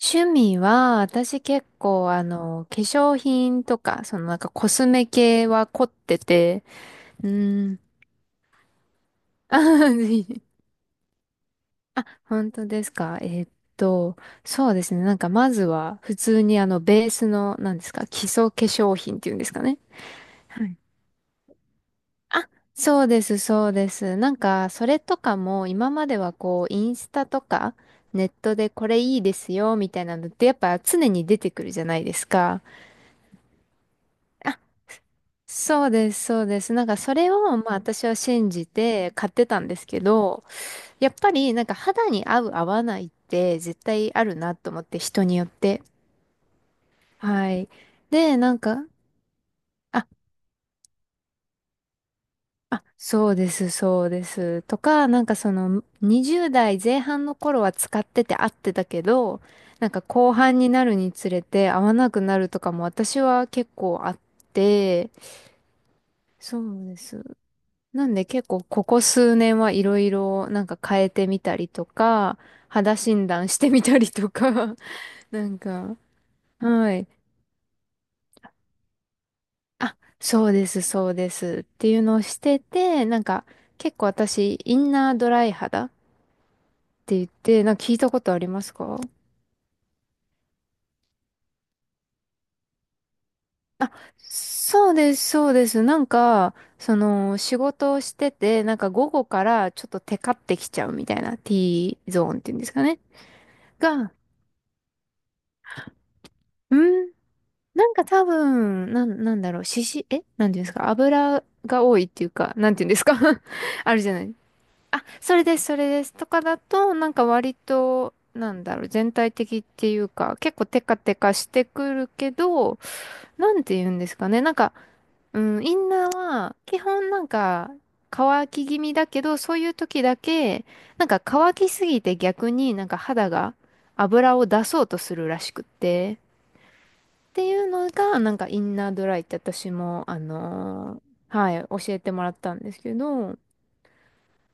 趣味は、私結構、化粧品とか、そのなんかコスメ系は凝ってて、うーん。あはは、あ本当ですか。と、そうですね。なんかまずは、普通にベースの、なんですか、基礎化粧品っていうんですかね。はい。そうです、そうです。なんか、それとかも、今まではこう、インスタとか、ネットでこれいいですよ、みたいなのって、やっぱ常に出てくるじゃないですか。そうです、そうです。なんかそれを、まあ私は信じて買ってたんですけど、やっぱりなんか肌に合う合わないって絶対あるなと思って人によって。はい。で、なんか、あ、そうです、そうです。とか、なんかその20代前半の頃は使ってて合ってたけど、なんか後半になるにつれて合わなくなるとかも私は結構あって、そうです。なんで結構ここ数年はいろいろなんか変えてみたりとか、肌診断してみたりとか、なんか、はい。あ、そうです、そうですっていうのをしてて、なんか結構私、インナードライ肌って言って、なんか聞いたことありますか？あ、そうです、そうです。なんか、仕事をしてて、なんか午後からちょっとテカってきちゃうみたいな T ゾーンっていうんですかね。が、んなんか多分、なんだろう、なんていうんですか油が多いっていうか、なんていうんですか あるじゃない。あ、それです、それです。とかだと、なんか割と、なんだろう、全体的っていうか、結構テカテカしてくるけど、なんて言うんですかね。なんか、うん、インナーは、基本なんか、乾き気味だけど、そういう時だけ、なんか乾きすぎて逆になんか肌が油を出そうとするらしくって。っていうのが、なんかインナードライって私も、はい、教えてもらったんですけど、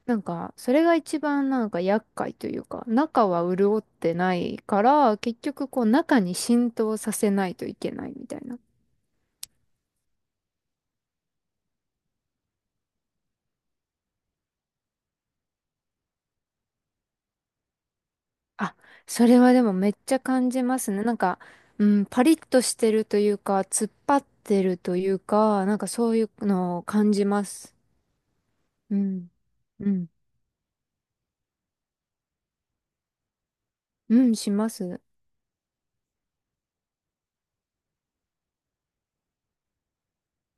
なんか、それが一番なんか厄介というか、中は潤ってないから、結局こう中に浸透させないといけないみたいな。あ、それはでもめっちゃ感じますね。なんか、うん、パリッとしてるというか、突っ張ってるというか、なんかそういうのを感じます。うん、うん、うん、します。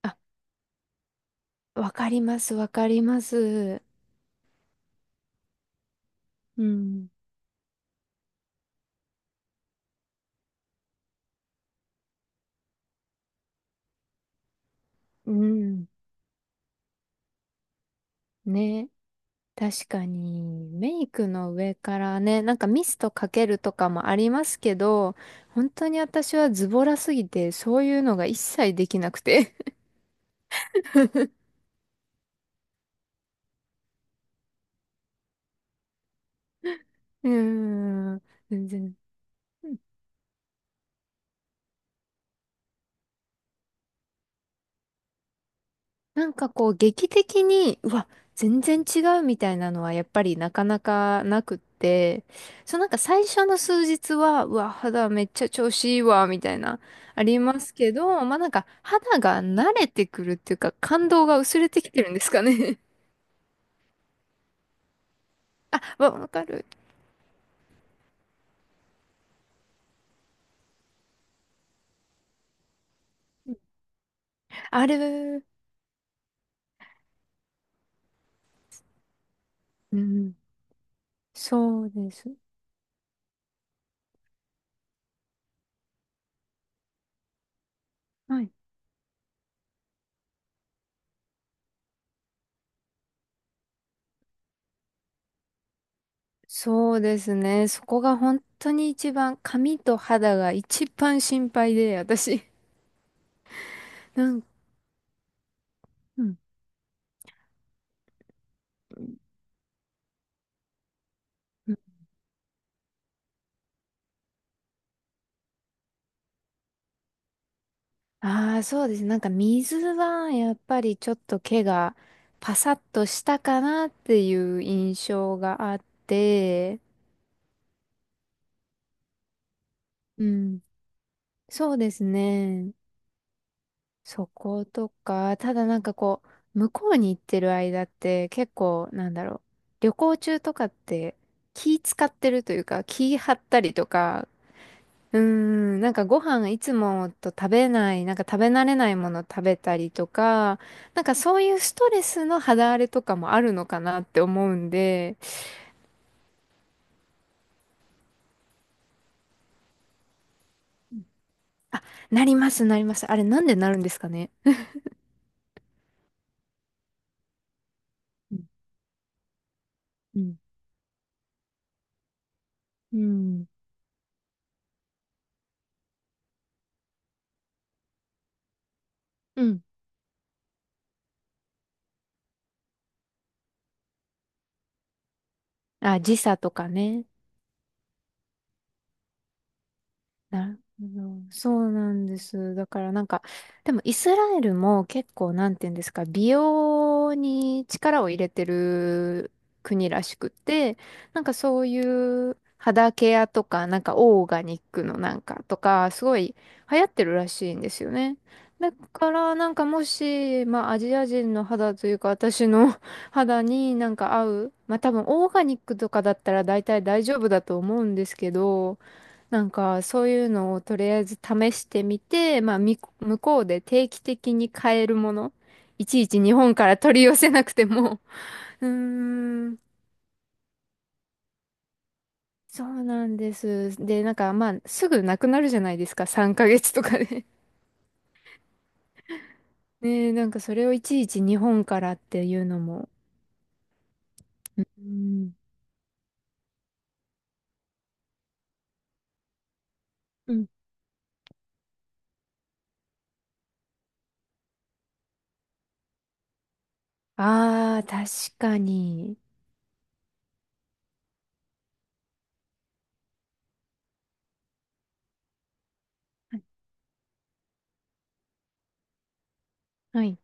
あ、わかります、わかります。うん。うん。ね。確かに、メイクの上からね、なんかミストかけるとかもありますけど、本当に私はズボラすぎて、そういうのが一切できなくて。うーん。全然。なんかこう劇的に、うわ、全然違うみたいなのはやっぱりなかなかなくって、そうなんか最初の数日は、うわ、肌めっちゃ調子いいわ、みたいな、ありますけど、まあなんか肌が慣れてくるっていうか感動が薄れてきてるんですかね。わかる。あれ、うん、そうです。はい。そうですね。そこが本当に一番、髪と肌が一番心配で、私。なん、うん。ああ、そうですね。なんか水はやっぱりちょっと毛がパサッとしたかなっていう印象があって、うん、そうですね。そことか、ただなんかこう、向こうに行ってる間って結構なんだろう、旅行中とかって気使ってるというか、気張ったりとか、なんかご飯いつもと食べない、なんか食べ慣れないもの食べたりとか、なんかそういうストレスの肌荒れとかもあるのかなって思うんで、あ、なります、なります。あれなんでなるんですかね。うん。うん。うん。うん。あ、時差とかね。なるほど。そうなんです。だからなんか、でもイスラエルも結構なんていうんですか、美容に力を入れてる国らしくて、なんかそういう肌ケアとか、なんかオーガニックのなんかとか、すごい流行ってるらしいんですよね。だからなんかもし、まあアジア人の肌というか私の 肌になんか合う、まあ多分オーガニックとかだったら大体大丈夫だと思うんですけど、なんか、そういうのをとりあえず試してみて、まあ、向こうで定期的に買えるもの、いちいち日本から取り寄せなくても、うーん、そうなんです。で、なんか、まあ、すぐなくなるじゃないですか、3ヶ月とかで。ねえ、なんかそれをいちいち日本からっていうのも。うーん。うん。ああ、確かに。はい。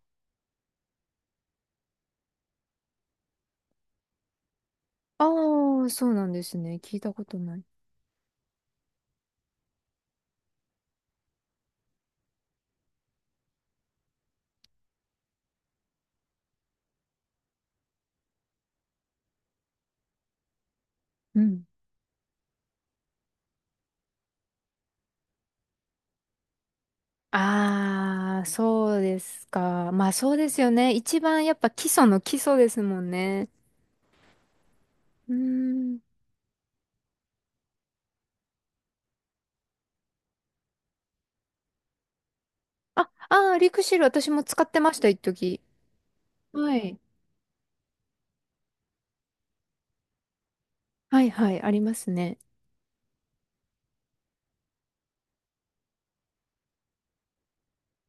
ああー、そうなんですね。聞いたことない。うん。ああ、そうですか。まあそうですよね。一番やっぱ基礎の基礎ですもんね。うーん。あ、ああ、リクシル私も使ってました、一時。はい。はいはい、ありますね。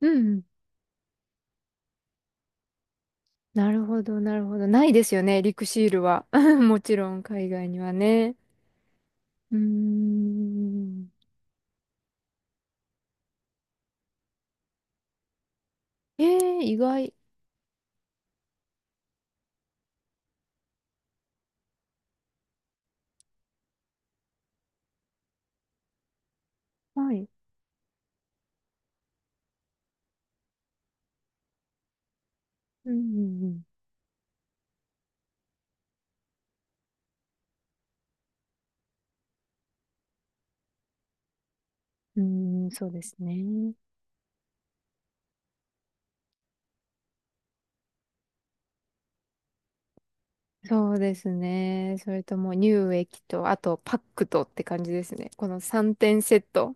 うんうん。なるほど、なるほど。ないですよね、リクシールは。もちろん海外にはね。うーん。ええ、意外。はい。うんうんうん。そうですね。そうですね。それとも乳液と、あとパックとって感じですね。この3点セット。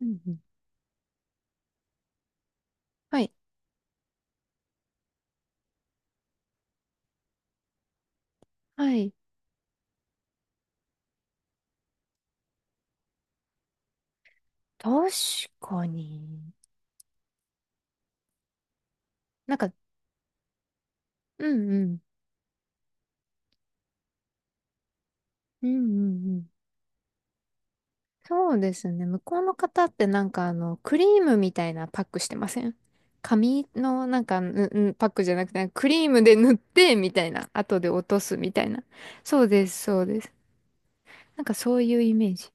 うんうん。はい。はい。確かに。なんか、うんうん。うんうんうん。そうですね。向こうの方ってなんかクリームみたいなパックしてません？紙のなんか、うんうんパックじゃなくて、クリームで塗ってみたいな。後で落とすみたいな。そうです、そうです。なんかそういうイメージ。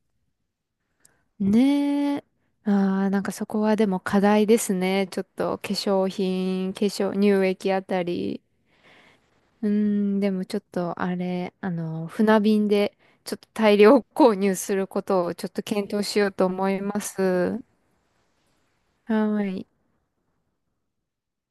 ねえ。ああ、なんかそこはでも課題ですね。ちょっと化粧品、化粧、乳液あたり。うーん、でもちょっとあれ、船便でちょっと大量購入することをちょっと検討しようと思います。はーい。